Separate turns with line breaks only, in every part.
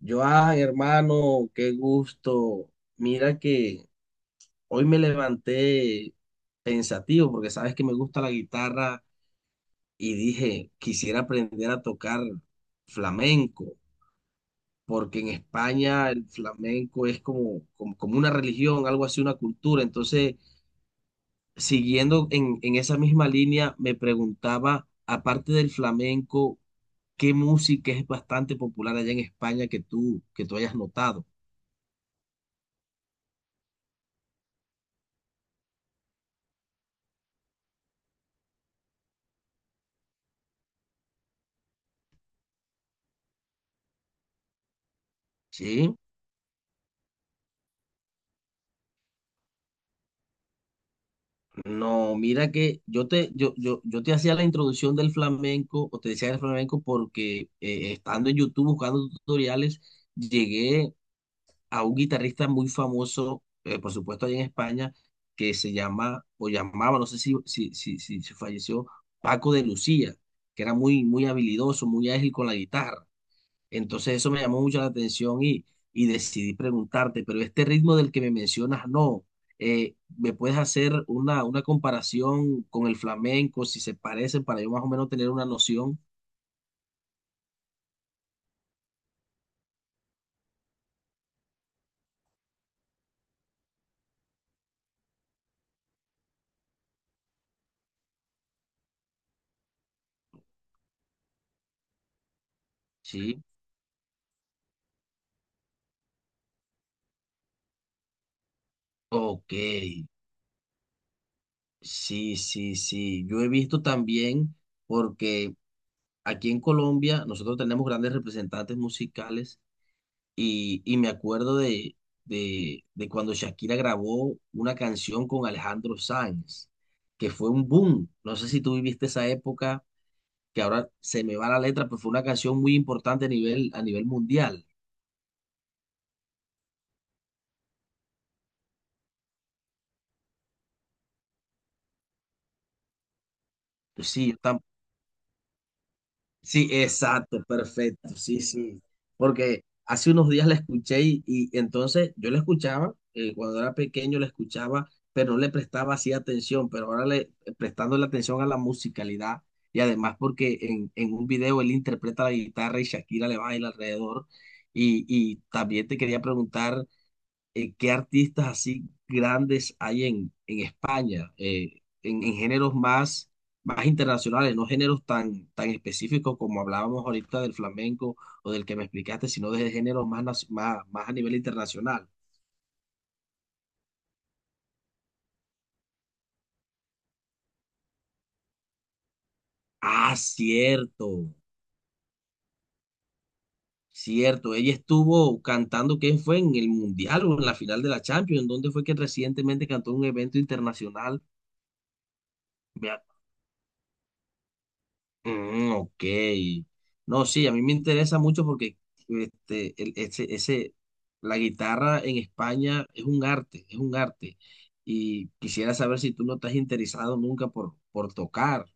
Yo, ay, hermano, qué gusto. Mira que hoy me levanté pensativo porque sabes que me gusta la guitarra y dije, quisiera aprender a tocar flamenco, porque en España el flamenco es como una religión, algo así, una cultura. Entonces, siguiendo en esa misma línea, me preguntaba, aparte del flamenco, ¿qué música es bastante popular allá en España que tú hayas notado? ¿Sí? No, mira que yo te hacía la introducción del flamenco, o te decía del flamenco, porque estando en YouTube buscando tutoriales, llegué a un guitarrista muy famoso, por supuesto, allá en España, que se llama, o llamaba, no sé si falleció, Paco de Lucía, que era muy, muy habilidoso, muy ágil con la guitarra. Entonces eso me llamó mucho la atención y decidí preguntarte, pero este ritmo del que me mencionas, no. ¿Me puedes hacer una comparación con el flamenco, si se parecen, para yo más o menos tener una noción? Sí. Ok, sí, sí, sí. Yo he visto también, porque aquí en Colombia nosotros tenemos grandes representantes musicales. Y me acuerdo de cuando Shakira grabó una canción con Alejandro Sanz, que fue un boom. No sé si tú viviste esa época, que ahora se me va la letra, pero fue una canción muy importante a nivel mundial. Pues sí, sí, exacto, perfecto, sí, sí. Porque hace unos días la escuché y entonces yo la escuchaba, cuando era pequeño la escuchaba, pero no le prestaba así atención, pero ahora le prestando la atención a la musicalidad y además porque en un video él interpreta la guitarra y Shakira le baila alrededor. Y también te quería preguntar qué artistas así grandes hay en España, en géneros más internacionales, no géneros tan específicos como hablábamos ahorita del flamenco o del que me explicaste, sino de géneros más, más a nivel internacional. Ah, cierto, cierto. Ella estuvo cantando, ¿qué fue? ¿En el Mundial o en la final de la Champions, donde fue que recientemente cantó en un evento internacional? Me, Mm, ok. No, sí, a mí me interesa mucho porque ese, la guitarra en España es un arte, es un arte. Y quisiera saber si tú no estás interesado nunca por tocar.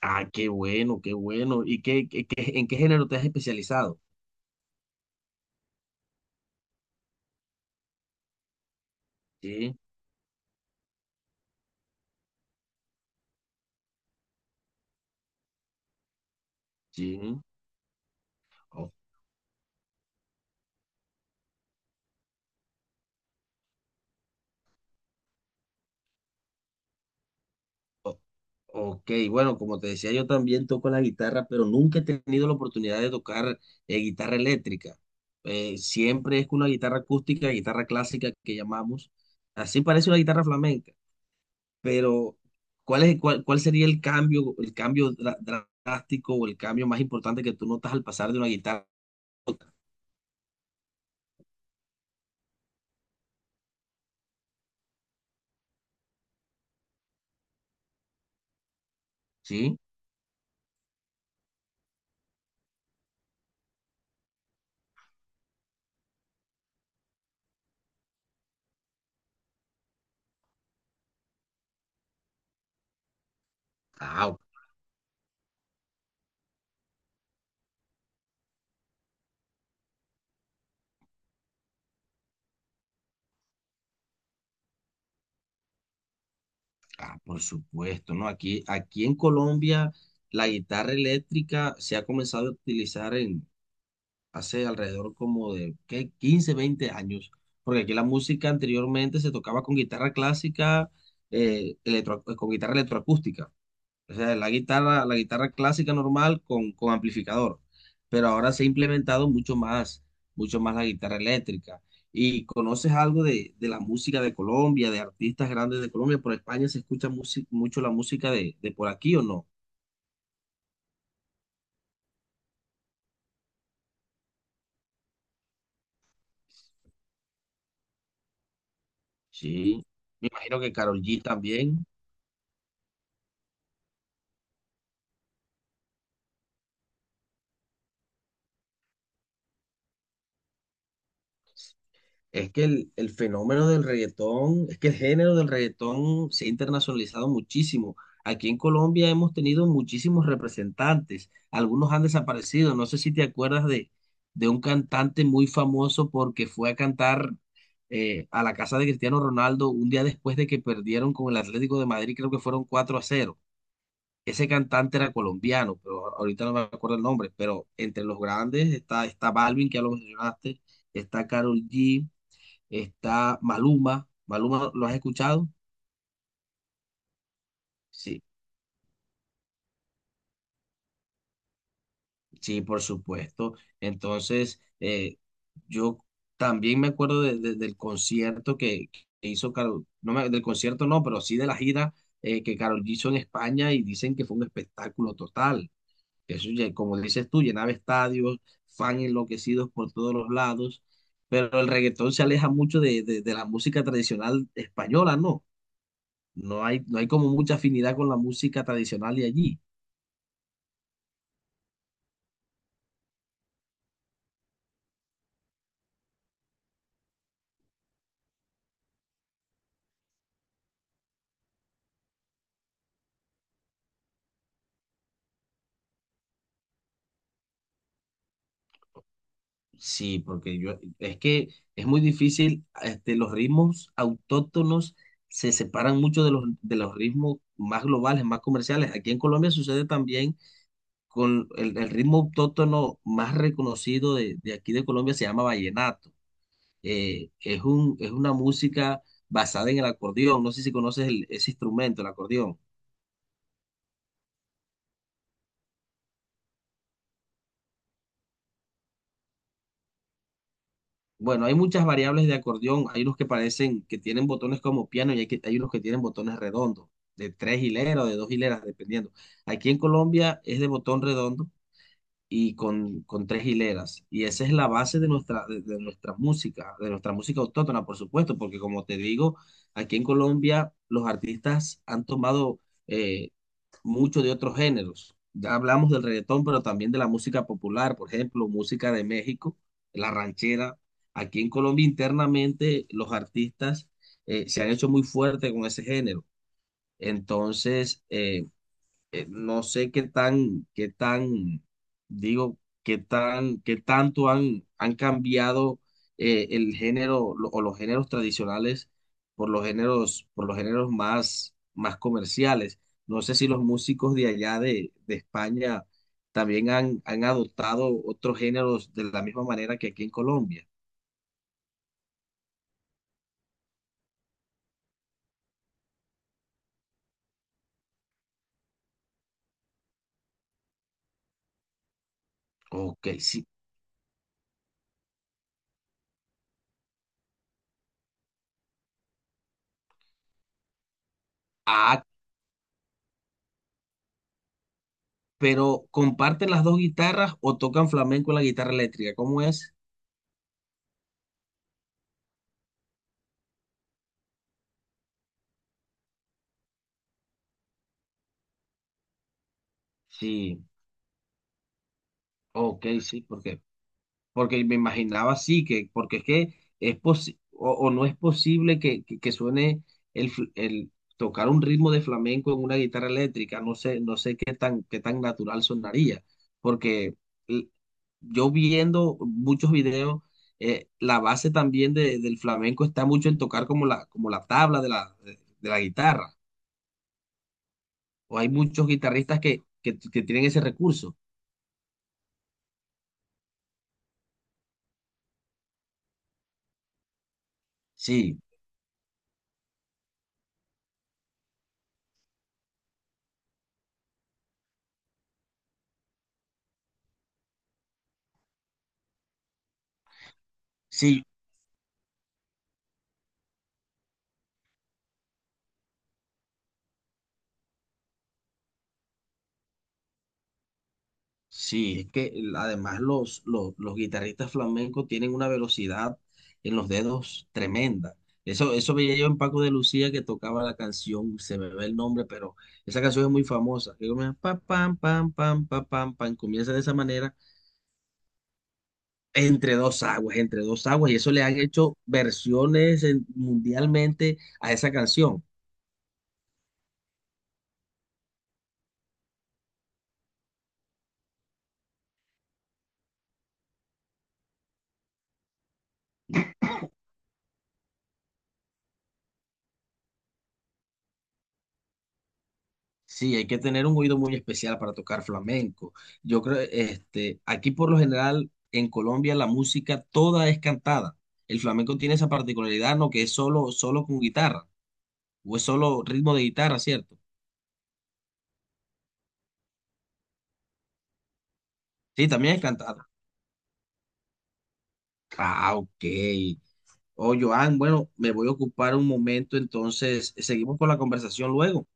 Ah, qué bueno, qué bueno. ¿Y qué en qué género te has especializado? Sí, sí. O- o- Ok, bueno, como te decía, yo también toco la guitarra, pero nunca he tenido la oportunidad de tocar guitarra eléctrica. Siempre es con una guitarra acústica, guitarra clásica que llamamos. Así parece una guitarra flamenca, pero ¿cuál es, cuál sería el cambio drástico o el cambio más importante que tú notas al pasar de una guitarra? ¿Sí? Ah, o- ah, por supuesto, ¿no? Aquí, aquí en Colombia la guitarra eléctrica se ha comenzado a utilizar hace alrededor como de ¿qué? 15 o 20 años, porque aquí la música anteriormente se tocaba con guitarra clásica, con guitarra electroacústica, o sea, la guitarra clásica normal con amplificador, pero ahora se ha implementado mucho más la guitarra eléctrica. ¿Y conoces algo de la música de Colombia, de artistas grandes de Colombia? ¿Por España se escucha mucho la música de por aquí o no? Sí, me imagino que Karol G también. Es que el fenómeno del reggaetón, es que el género del reggaetón se ha internacionalizado muchísimo. Aquí en Colombia hemos tenido muchísimos representantes, algunos han desaparecido. No sé si te acuerdas de un cantante muy famoso porque fue a cantar a la casa de Cristiano Ronaldo un día después de que perdieron con el Atlético de Madrid, creo que fueron 4-0. Ese cantante era colombiano, pero ahorita no me acuerdo el nombre, pero entre los grandes está, está Balvin, que ya lo mencionaste, está Karol G, está Maluma. ¿Maluma lo has escuchado? Sí, sí, por supuesto. Entonces, yo también me acuerdo del concierto que hizo Karol, del concierto no, pero sí de la gira que Karol G hizo en España y dicen que fue un espectáculo total. Eso, ya- como dices tú, llenaba estadios, fans enloquecidos por todos los lados, pero el reggaetón se aleja mucho de de la música tradicional española, ¿no? No hay, no hay como mucha afinidad con la música tradicional de allí. Sí, porque yo, es que es muy difícil, este, los ritmos autóctonos se separan mucho de los ritmos más globales, más comerciales. Aquí en Colombia sucede también con el ritmo autóctono más reconocido de aquí de Colombia, se llama vallenato. Es una música basada en el acordeón, no sé si conoces ese instrumento, el acordeón. Bueno, hay muchas variables de acordeón. Hay unos que parecen que tienen botones como piano y hay, hay unos que tienen botones redondos, de tres hileras o de dos hileras, dependiendo. Aquí en Colombia es de botón redondo y con tres hileras. Y esa es la base de nuestra, de nuestra música autóctona, por supuesto, porque como te digo, aquí en Colombia los artistas han tomado eh, mucho de otros géneros. Ya hablamos del reggaetón, pero también de la música popular, por ejemplo, música de México, la ranchera. Aquí en Colombia internamente los artistas se han hecho muy fuerte con ese género. Entonces, no sé qué tan, digo, qué tan, qué tanto han, han cambiado el género lo- o los géneros tradicionales por los géneros más, más comerciales. No sé si los músicos de allá de España también han, han adoptado otros géneros de la misma manera que aquí en Colombia. Ok, sí. Ah, pero ¿comparten las dos guitarras o tocan flamenco en la guitarra eléctrica? ¿Cómo es? Sí, ok, sí, porque me imaginaba así, que, porque es que es posi- o no es posible que suene el tocar un ritmo de flamenco en una guitarra eléctrica, no sé, no sé qué tan natural sonaría, porque l- yo viendo muchos videos, la base también del flamenco está mucho en tocar como la tabla de la, de la guitarra, o hay muchos guitarristas que tienen ese recurso. Sí, sí, sí, es que además los, los guitarristas flamencos tienen una velocidad en los dedos tremenda. Eso veía yo en Paco de Lucía que tocaba la canción, se me ve el nombre, pero esa canción es muy famosa. Que comienza pa, pam, pam, pam, pa, pam, pam, comienza de esa manera, entre dos aguas, y eso le han hecho versiones mundialmente a esa canción. Sí, hay que tener un oído muy especial para tocar flamenco. Yo creo, este, aquí por lo general en Colombia la música toda es cantada. El flamenco tiene esa particularidad, ¿no? Que es solo, solo con guitarra, o es solo ritmo de guitarra, ¿cierto? Sí, también es cantado. Ah, ok. Oh, Joan, bueno, me voy a ocupar un momento, entonces seguimos con la conversación luego.